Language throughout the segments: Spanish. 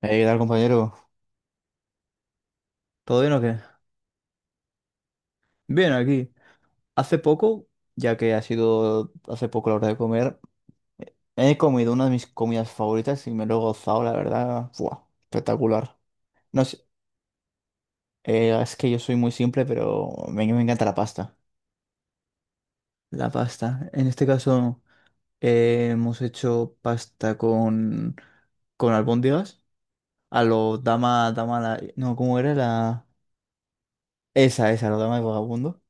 Hey, ¿qué tal, compañero? ¿Todo bien o qué? Bien, aquí. Hace poco, ya que ha sido hace poco la hora de comer, he comido una de mis comidas favoritas y me lo he gozado, la verdad. ¡Buah! Espectacular. No sé, es que yo soy muy simple, pero me encanta la pasta. La pasta. En este caso, hemos hecho pasta con albóndigas. A lo dama, la... No, ¿cómo era la...? Esa, lo dama de vagabundo.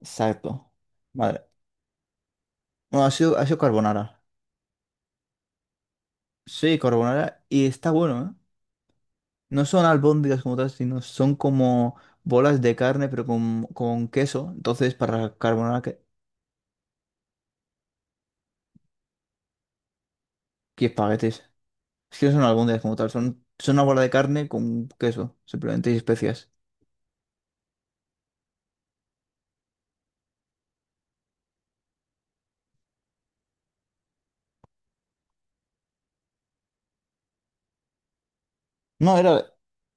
Exacto. Madre. No, ha sido carbonara. Sí, carbonara. Y está bueno, ¿eh? No son albóndigas como tal, sino son como bolas de carne, pero con queso. Entonces, para carbonara, que espaguetis. Es que no son albóndigas como tal, son una bola de carne con queso, simplemente y especias. No, era...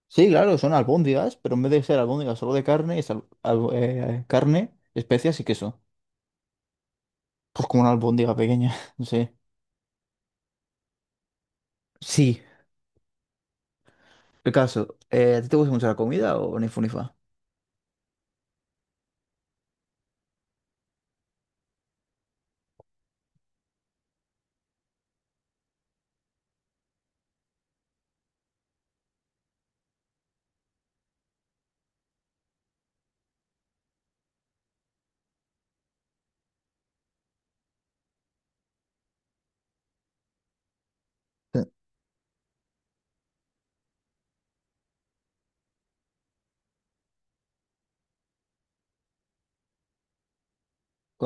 Sí, claro, son albóndigas, pero en vez de ser albóndigas solo de carne, es carne, especias y queso. Pues como una albóndiga pequeña, no sé. Sí, el caso. ¿A ti te gusta mucho la comida o ni fu ni fa?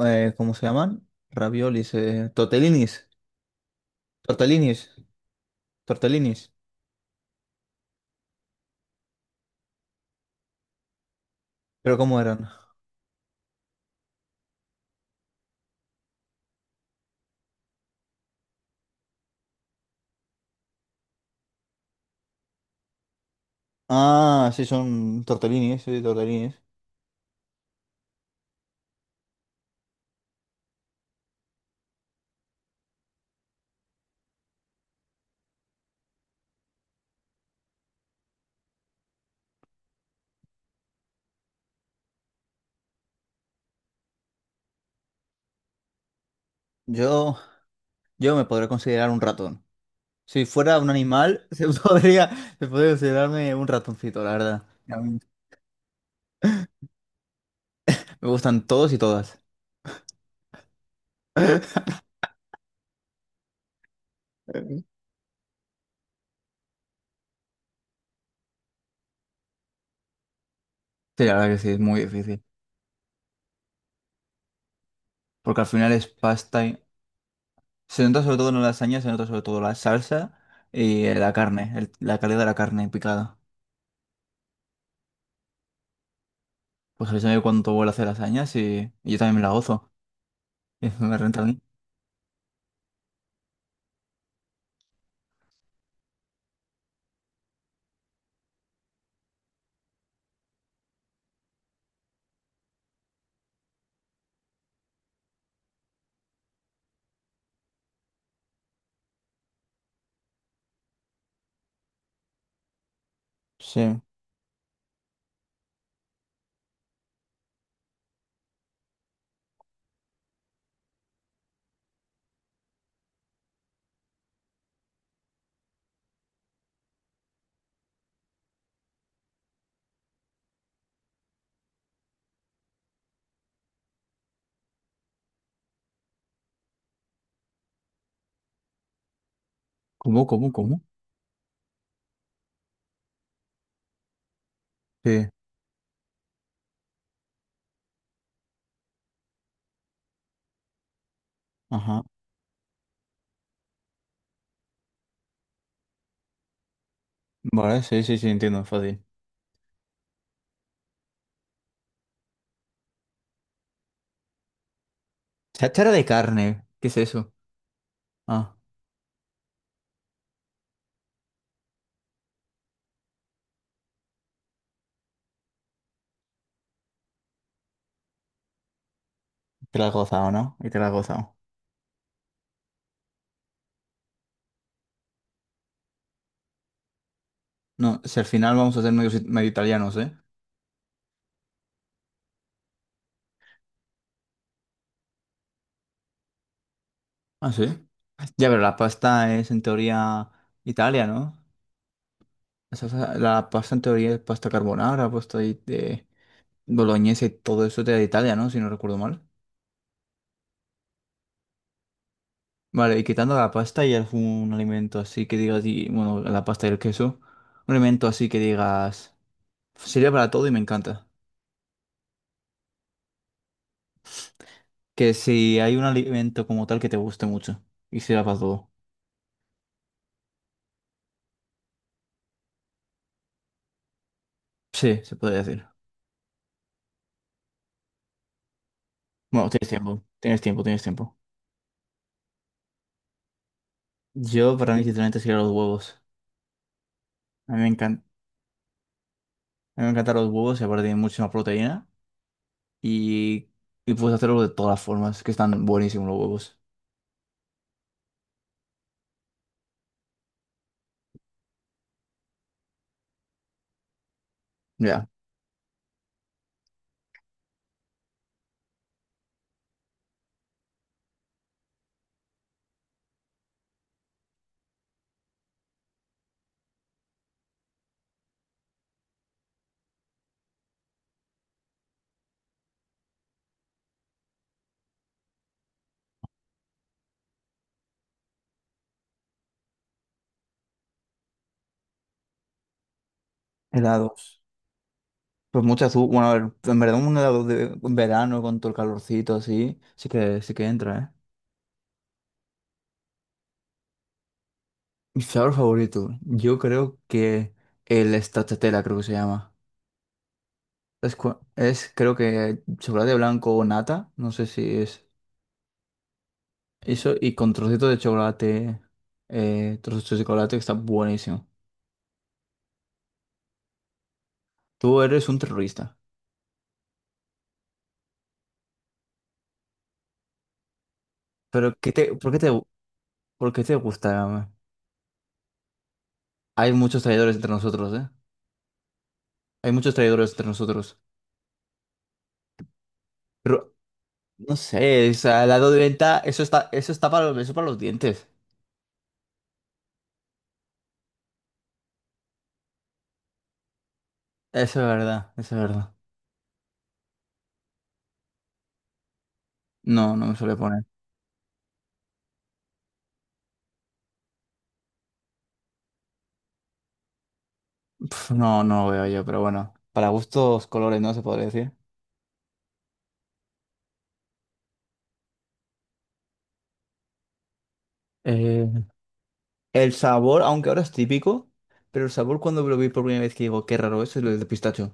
Eh, ¿cómo se llaman? Raviolis, tortellinis, tortellinis, tortellinis. ¿Pero cómo eran? Ah, sí, son tortellinis, sí, tortellinis. Yo, yo me podría considerar un ratón. Si fuera un animal, se podría considerarme un ratoncito, la verdad. A mí me gustan todos y todas. Sí, la verdad que sí, es muy difícil. Porque al final es pasta y... Se nota sobre todo en la lasaña, se nota sobre todo la salsa y la carne, el- la calidad de la carne picada. Pues avísame cuando vuelva a hacer lasañas y yo también me la gozo. Y eso me renta a mí. Sí. ¿Cómo, cómo, cómo? Sí. Ajá. Vale, sí, sí, sí, entiendo, fácil. Cháchara de carne. ¿Qué es eso? Ah, te la has gozado, ¿no? Y te la has gozado. No, si al final vamos a ser medio, si, medio italianos, ¿eh? Ah, sí. Ya, pero la pasta es en teoría Italia, ¿no? O sea, la pasta en teoría es pasta carbonara, de boloñesa y todo eso de Italia, ¿no? Si no recuerdo mal. Vale, y quitando la pasta y algún alimento así que digas, y, bueno, la pasta y el queso, un alimento así que digas, sirve para todo y me encanta. Que si hay un alimento como tal que te guste mucho y sirva para todo. Sí, se puede decir. Bueno, tienes tiempo, tienes tiempo, tienes tiempo. Yo, para mí, sinceramente, serían los huevos. A mí me encantan, a mí me encantan los huevos y aparte tienen muchísima proteína y, y puedes hacerlo de todas las formas, que están buenísimos los huevos. Ya. Helados. Pues mucha azúcar, bueno, a ver, en verdad un helado de en verano con todo el calorcito así, sí que entra, ¿eh? Mi sabor favorito, yo creo que el stracciatella creo que se llama. Es creo que chocolate blanco o nata, no sé si es eso, y con trocitos de chocolate, trozos de chocolate que está buenísimo. Tú eres un terrorista, pero ¿por qué por qué te gusta? Hay muchos traidores entre nosotros, ¿eh? Hay muchos traidores entre nosotros. Pero No sé, o sea, el lado de venta, eso está para los, eso para los dientes. Eso es verdad, eso es verdad. No, no me suele poner. Pf, no, no lo veo yo, pero bueno. Para gustos, colores, ¿no? Se podría decir. Eh, El sabor, aunque ahora es típico, pero el sabor cuando lo vi por primera vez que digo, qué raro eso, es el de pistacho.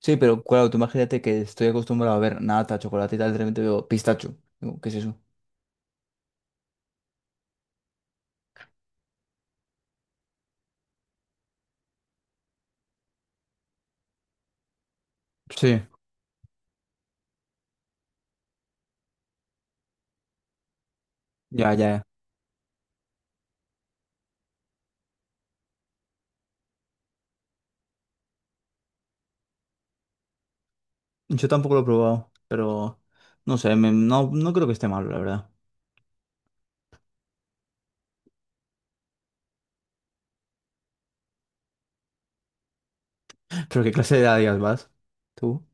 Sí, pero claro, tú imagínate que estoy acostumbrado a ver nata, chocolate y tal, de repente veo pistacho. Digo, ¿qué es eso? Sí, ya, ya. Yo tampoco lo he probado, pero no sé, me- no, no creo que esté malo, la verdad. ¿Pero qué clase de Adidas vas? ¿Tú?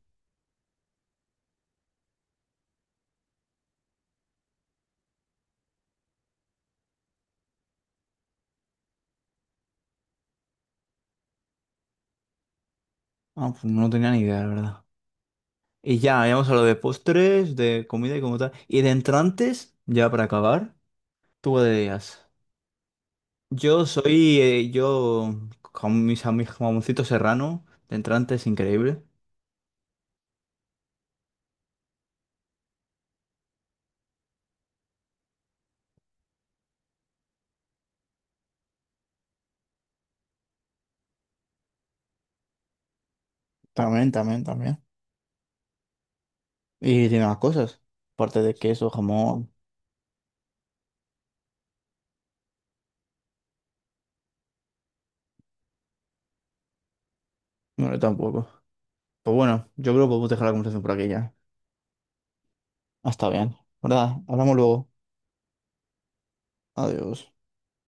Ah, pues no tenía ni idea, la verdad. Y ya, habíamos hablado de postres, de comida y como tal. Y de entrantes, ya para acabar, tú qué días. Yo soy, eh, con mis amigos, jamoncito serrano, de entrantes increíble. También, también, también. Y tiene más cosas. Aparte de queso, jamón. No, yo tampoco. Pues bueno, yo creo que podemos dejar la conversación por aquí ya. Ah, está bien, ¿verdad? Hablamos luego. Adiós.